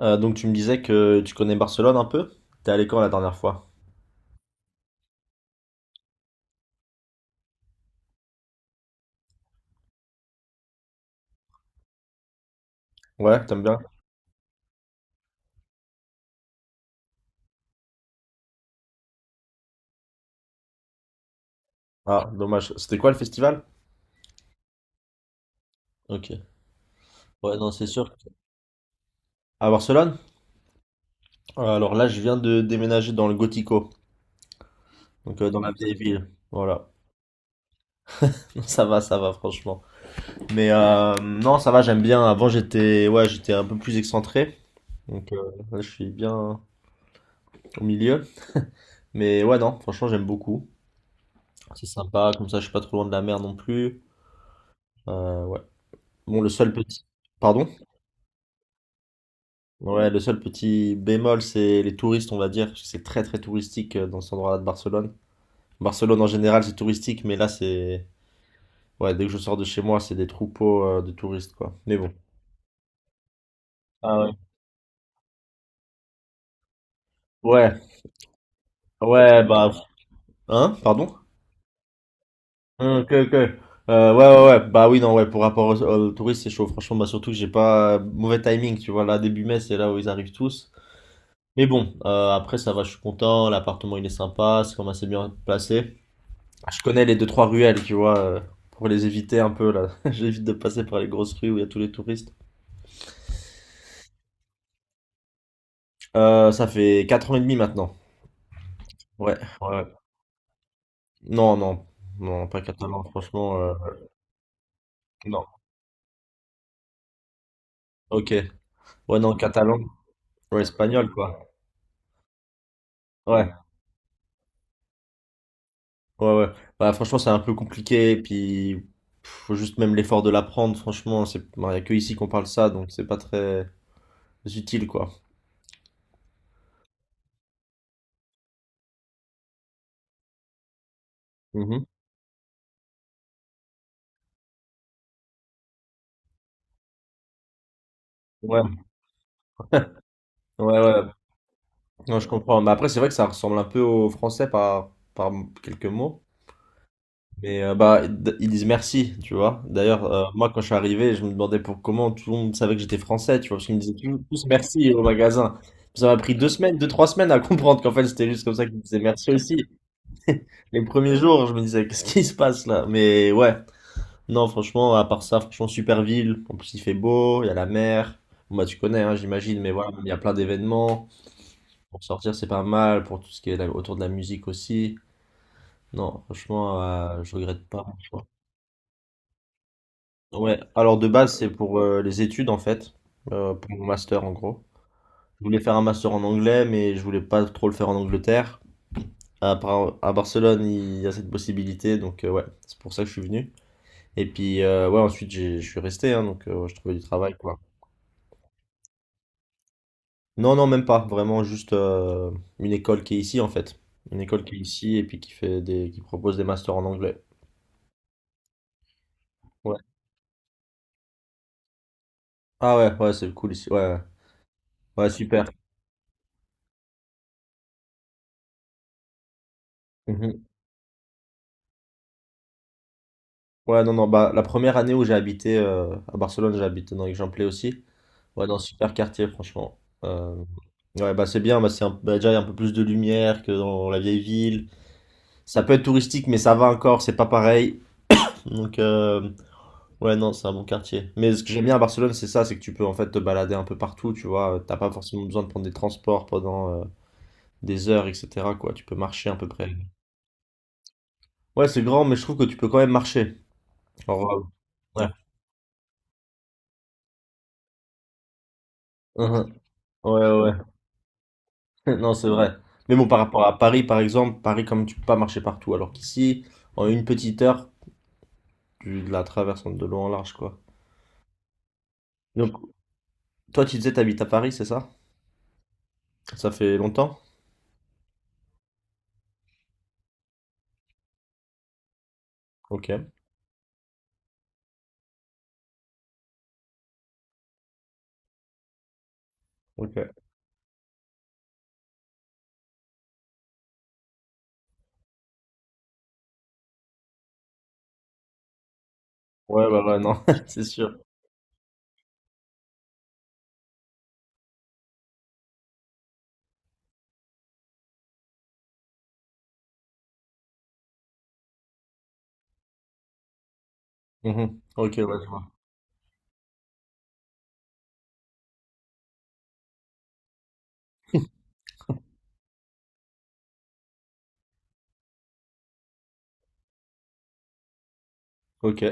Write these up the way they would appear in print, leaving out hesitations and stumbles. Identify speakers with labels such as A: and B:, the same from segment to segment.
A: Donc tu me disais que tu connais Barcelone un peu? T'es allé quand la dernière fois? Ouais, t'aimes bien? Ah, dommage. C'était quoi le festival? Ok. Ouais, non, c'est sûr. À Barcelone? Alors là, je viens de déménager dans le Gotico, donc dans ma vieille ville. Voilà. Ça va, franchement. Mais non, ça va, j'aime bien. Avant, j'étais ouais, j'étais un peu plus excentré. Donc là, je suis bien au milieu. Mais ouais, non, franchement, j'aime beaucoup. C'est sympa, comme ça, je suis pas trop loin de la mer non plus. Ouais. Bon, le seul petit... Pardon? Ouais, le seul petit bémol, c'est les touristes, on va dire, parce que c'est très très touristique dans cet endroit-là de Barcelone. Barcelone en général, c'est touristique, mais là, c'est... Ouais, dès que je sors de chez moi, c'est des troupeaux de touristes, quoi. Mais bon. Ah ouais. Ouais, ouais, bah... Hein? Pardon? Ok, ok. Ouais, ouais, ouais. Bah oui, non, ouais, pour rapport aux touristes, c'est chaud. Franchement, bah surtout que j'ai pas... Mauvais timing, tu vois, là, début mai, c'est là où ils arrivent tous. Mais bon, après, ça va, je suis content. L'appartement, il est sympa, c'est quand même assez bien placé. Bah, je connais les deux trois ruelles, tu vois, pour les éviter un peu là. J'évite de passer par les grosses rues où il y a tous les touristes. Ça fait 4 ans et demi maintenant. Ouais, ouais, ouais. Non, non, non, pas catalan, franchement. Non, ok. Ouais, non, catalan, ouais, espagnol, quoi. Ouais, ouais, ouais. Bah, franchement, c'est un peu compliqué, puis faut juste même l'effort de l'apprendre, franchement. Bah, y a que ici qu'on parle ça, donc c'est pas très utile, quoi. Mhm. Ouais, ouais, ouais. Non, je comprends. Mais après, c'est vrai que ça ressemble un peu au français par quelques mots. Mais bah, ils disent merci, tu vois. D'ailleurs, moi, quand je suis arrivé, je me demandais pour comment tout le monde savait que j'étais français, tu vois, parce qu'ils me disaient tous merci au magasin. Ça m'a pris 2 semaines, deux, trois semaines à comprendre qu'en fait, c'était juste comme ça qu'ils me disaient merci aussi. Les premiers jours, je me disais, qu'est-ce qui se passe là? Mais ouais, non, franchement, à part ça, franchement, super ville. En plus, il fait beau, il y a la mer. Bon, bah, tu connais, hein, j'imagine, mais voilà, il y a plein d'événements. Pour sortir, c'est pas mal, pour tout ce qui est autour de la musique aussi. Non, franchement, je regrette pas. Ouais, alors de base, c'est pour les études en fait, pour mon master en gros. Je voulais faire un master en anglais, mais je voulais pas trop le faire en Angleterre. À Barcelone, il y a cette possibilité, donc ouais, c'est pour ça que je suis venu. Et puis, ouais, ensuite, je suis resté, hein, donc je trouvais du travail, quoi. Non, non, même pas, vraiment juste une école qui est ici en fait. Une école qui est ici et puis qui propose des masters en anglais. Ouais. Ah ouais, ouais, c'est cool ici, ouais, ouais. Ouais, super. Mhm. Ouais, non, non, bah, la première année où j'ai habité à Barcelone, j'ai habité dans Aix-en-Plé aussi. Ouais, dans un super quartier, franchement. Euh, ouais, bah, c'est bien, bah, bah, déjà, il y a un peu plus de lumière que dans la vieille ville. Ça peut être touristique, mais ça va encore, c'est pas pareil. Donc, ouais, non, c'est un bon quartier. Mais ce que j'aime bien à Barcelone, c'est ça, c'est que tu peux en fait te balader un peu partout, tu vois. T'as pas forcément besoin de prendre des transports pendant des heures, etc., quoi. Tu peux marcher à peu près. Ouais, c'est grand, mais je trouve que tu peux quand même marcher. Alors, ouais. Mhm. Ouais, ouais, ouais. Non, c'est vrai. Mais bon, par rapport à Paris, par exemple, Paris, comme tu peux pas marcher partout, alors qu'ici, en une petite heure, tu la traverses de long en large, quoi. Donc, toi, tu disais, t'habites à Paris, c'est ça? Ça fait longtemps? Ok, ok. Ouais, bah ouais, non, c'est sûr. Mhm. Ok, ouais, je vois. Ok.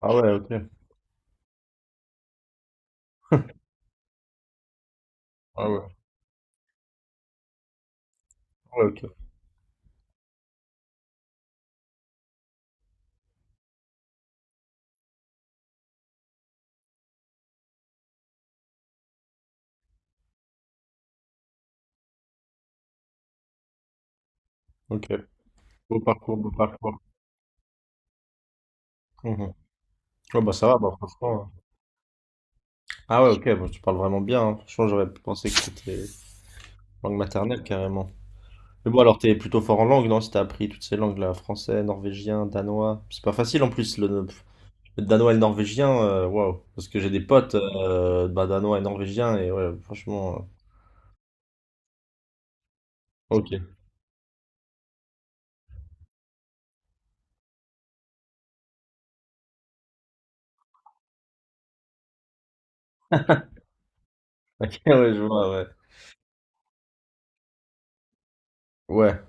A: Ah ouais, ok. Ah ouais, ouais, ok. Ok. Beau parcours, beau parcours. Mhm. Ouais, bah ça va, bah franchement. Ah ouais, ok, bah, tu parles vraiment bien, hein. Franchement, j'aurais pensé que c'était langue maternelle, carrément. Mais bon, alors t'es plutôt fort en langue, non? Si t'as appris toutes ces langues-là, français, norvégien, danois. C'est pas facile en plus, le danois et le norvégien, waouh. Parce que j'ai des potes bah, danois et norvégiens, et ouais, franchement. Ok. Ok, ouais, je vois, ouais. Ouais.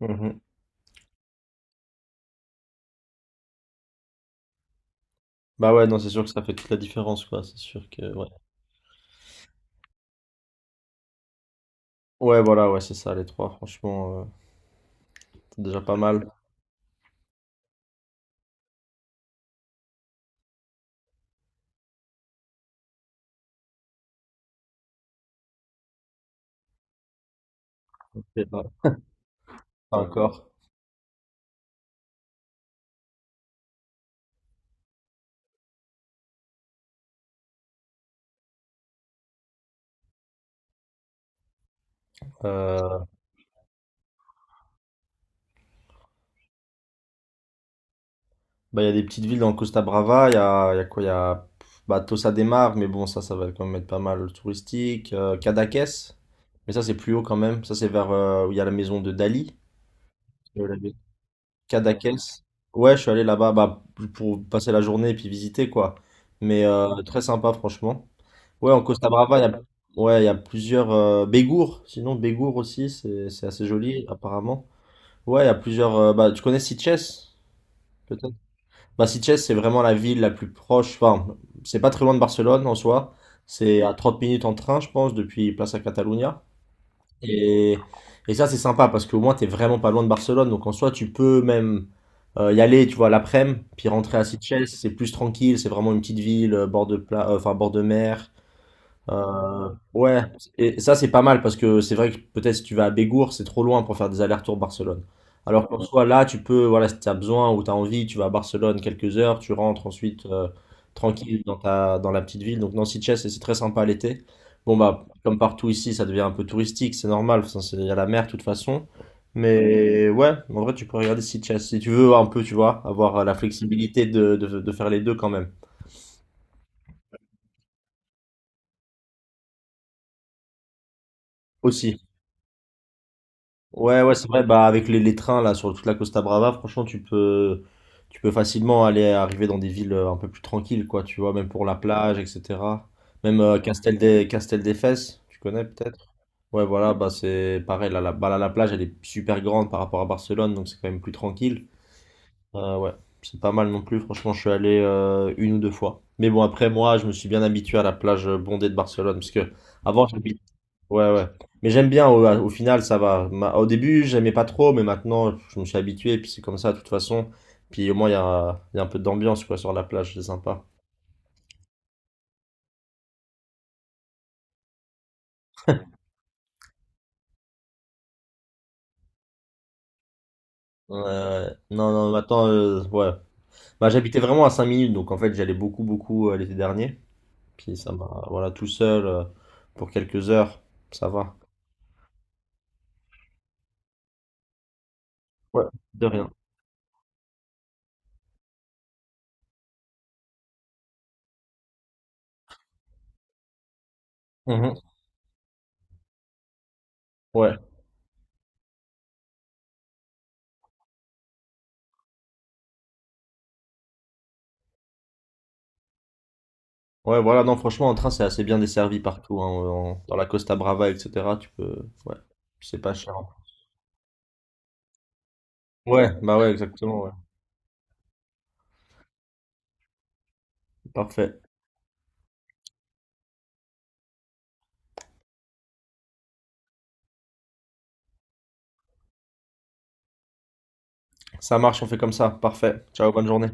A: Mhm. Bah ouais, non, c'est sûr que ça fait toute la différence, quoi. C'est sûr que, ouais. Ouais, voilà, ouais, c'est ça, les trois, franchement, c'est déjà pas mal. C'est pas pas encore. Euh, Bah, il y a des petites villes dans Costa Brava, il y a quoi? Il y a bah, Tossa de Mar, mais bon, ça va quand même être pas mal touristique. Cadaqués, mais ça, c'est plus haut quand même. Ça, c'est vers où il y a la maison de Dali. La ville. Cadaqués. Ouais, je suis allé là-bas bah, pour passer la journée et puis visiter, quoi. Mais très sympa, franchement. Ouais, en Costa Brava, ouais, il y a plusieurs. Bégour, sinon, Bégour aussi, c'est assez joli, apparemment. Ouais, il y a plusieurs. Bah, tu connais Sitges? Basiches, c'est vraiment la ville la plus proche. Enfin, c'est pas très loin de Barcelone en soi. C'est à 30 minutes en train, je pense, depuis Plaza Catalunya. Et, et ça, c'est sympa parce qu'au moins, t'es vraiment pas loin de Barcelone. Donc en soi, tu peux même y aller, tu vois, l'après-midi, puis rentrer à Sitges. C'est plus tranquille. C'est vraiment une petite ville, enfin, bord de mer. Ouais, et ça c'est pas mal parce que c'est vrai que peut-être si tu vas à Bégour, c'est trop loin pour faire des allers-retours Barcelone. Alors qu'en soit là, tu peux, voilà, si tu as besoin ou tu as envie, tu vas à Barcelone quelques heures, tu rentres ensuite tranquille dans dans la petite ville. Donc Nancy Chess, c'est très sympa l'été. Bon bah, comme partout ici, ça devient un peu touristique, c'est normal, enfin, il y a la mer de toute façon. Mais ouais, en vrai, tu peux regarder si Chess, si tu veux un peu, tu vois, avoir la flexibilité de faire les deux quand même. Aussi. Ouais, ouais, c'est vrai. Bah, avec les trains là sur toute la Costa Brava, franchement, tu peux facilement aller arriver dans des villes un peu plus tranquilles, quoi. Tu vois, même pour la plage, etc. Même Castel des Fesses, tu connais peut-être? Ouais, voilà. Bah, c'est pareil. Bah, la plage, elle est super grande par rapport à Barcelone, donc c'est quand même plus tranquille. Ouais, c'est pas mal non plus. Franchement, je suis allé une ou deux fois. Mais bon, après moi, je me suis bien habitué à la plage bondée de Barcelone, parce que avant, j'habitais. Ouais, ouais. Mais j'aime bien, au final, ça va. Au début, j'aimais pas trop, mais maintenant, je me suis habitué, et puis c'est comme ça, de toute façon. Puis au moins, il y a un peu d'ambiance, quoi, sur la plage, c'est sympa. Non, non, maintenant, ouais. Bah, j'habitais vraiment à 5 minutes, donc en fait, j'allais beaucoup, beaucoup l'été dernier. Puis ça m'a, voilà, tout seul, pour quelques heures, ça va. Ouais, de rien. Mhm. Ouais. Ouais, voilà, non, franchement, en train, c'est assez bien desservi partout, hein, dans la Costa Brava, etc., tu peux, ouais, c'est pas cher. Ouais, bah ouais, exactement, ouais. Parfait. Ça marche, on fait comme ça. Parfait. Ciao, bonne journée.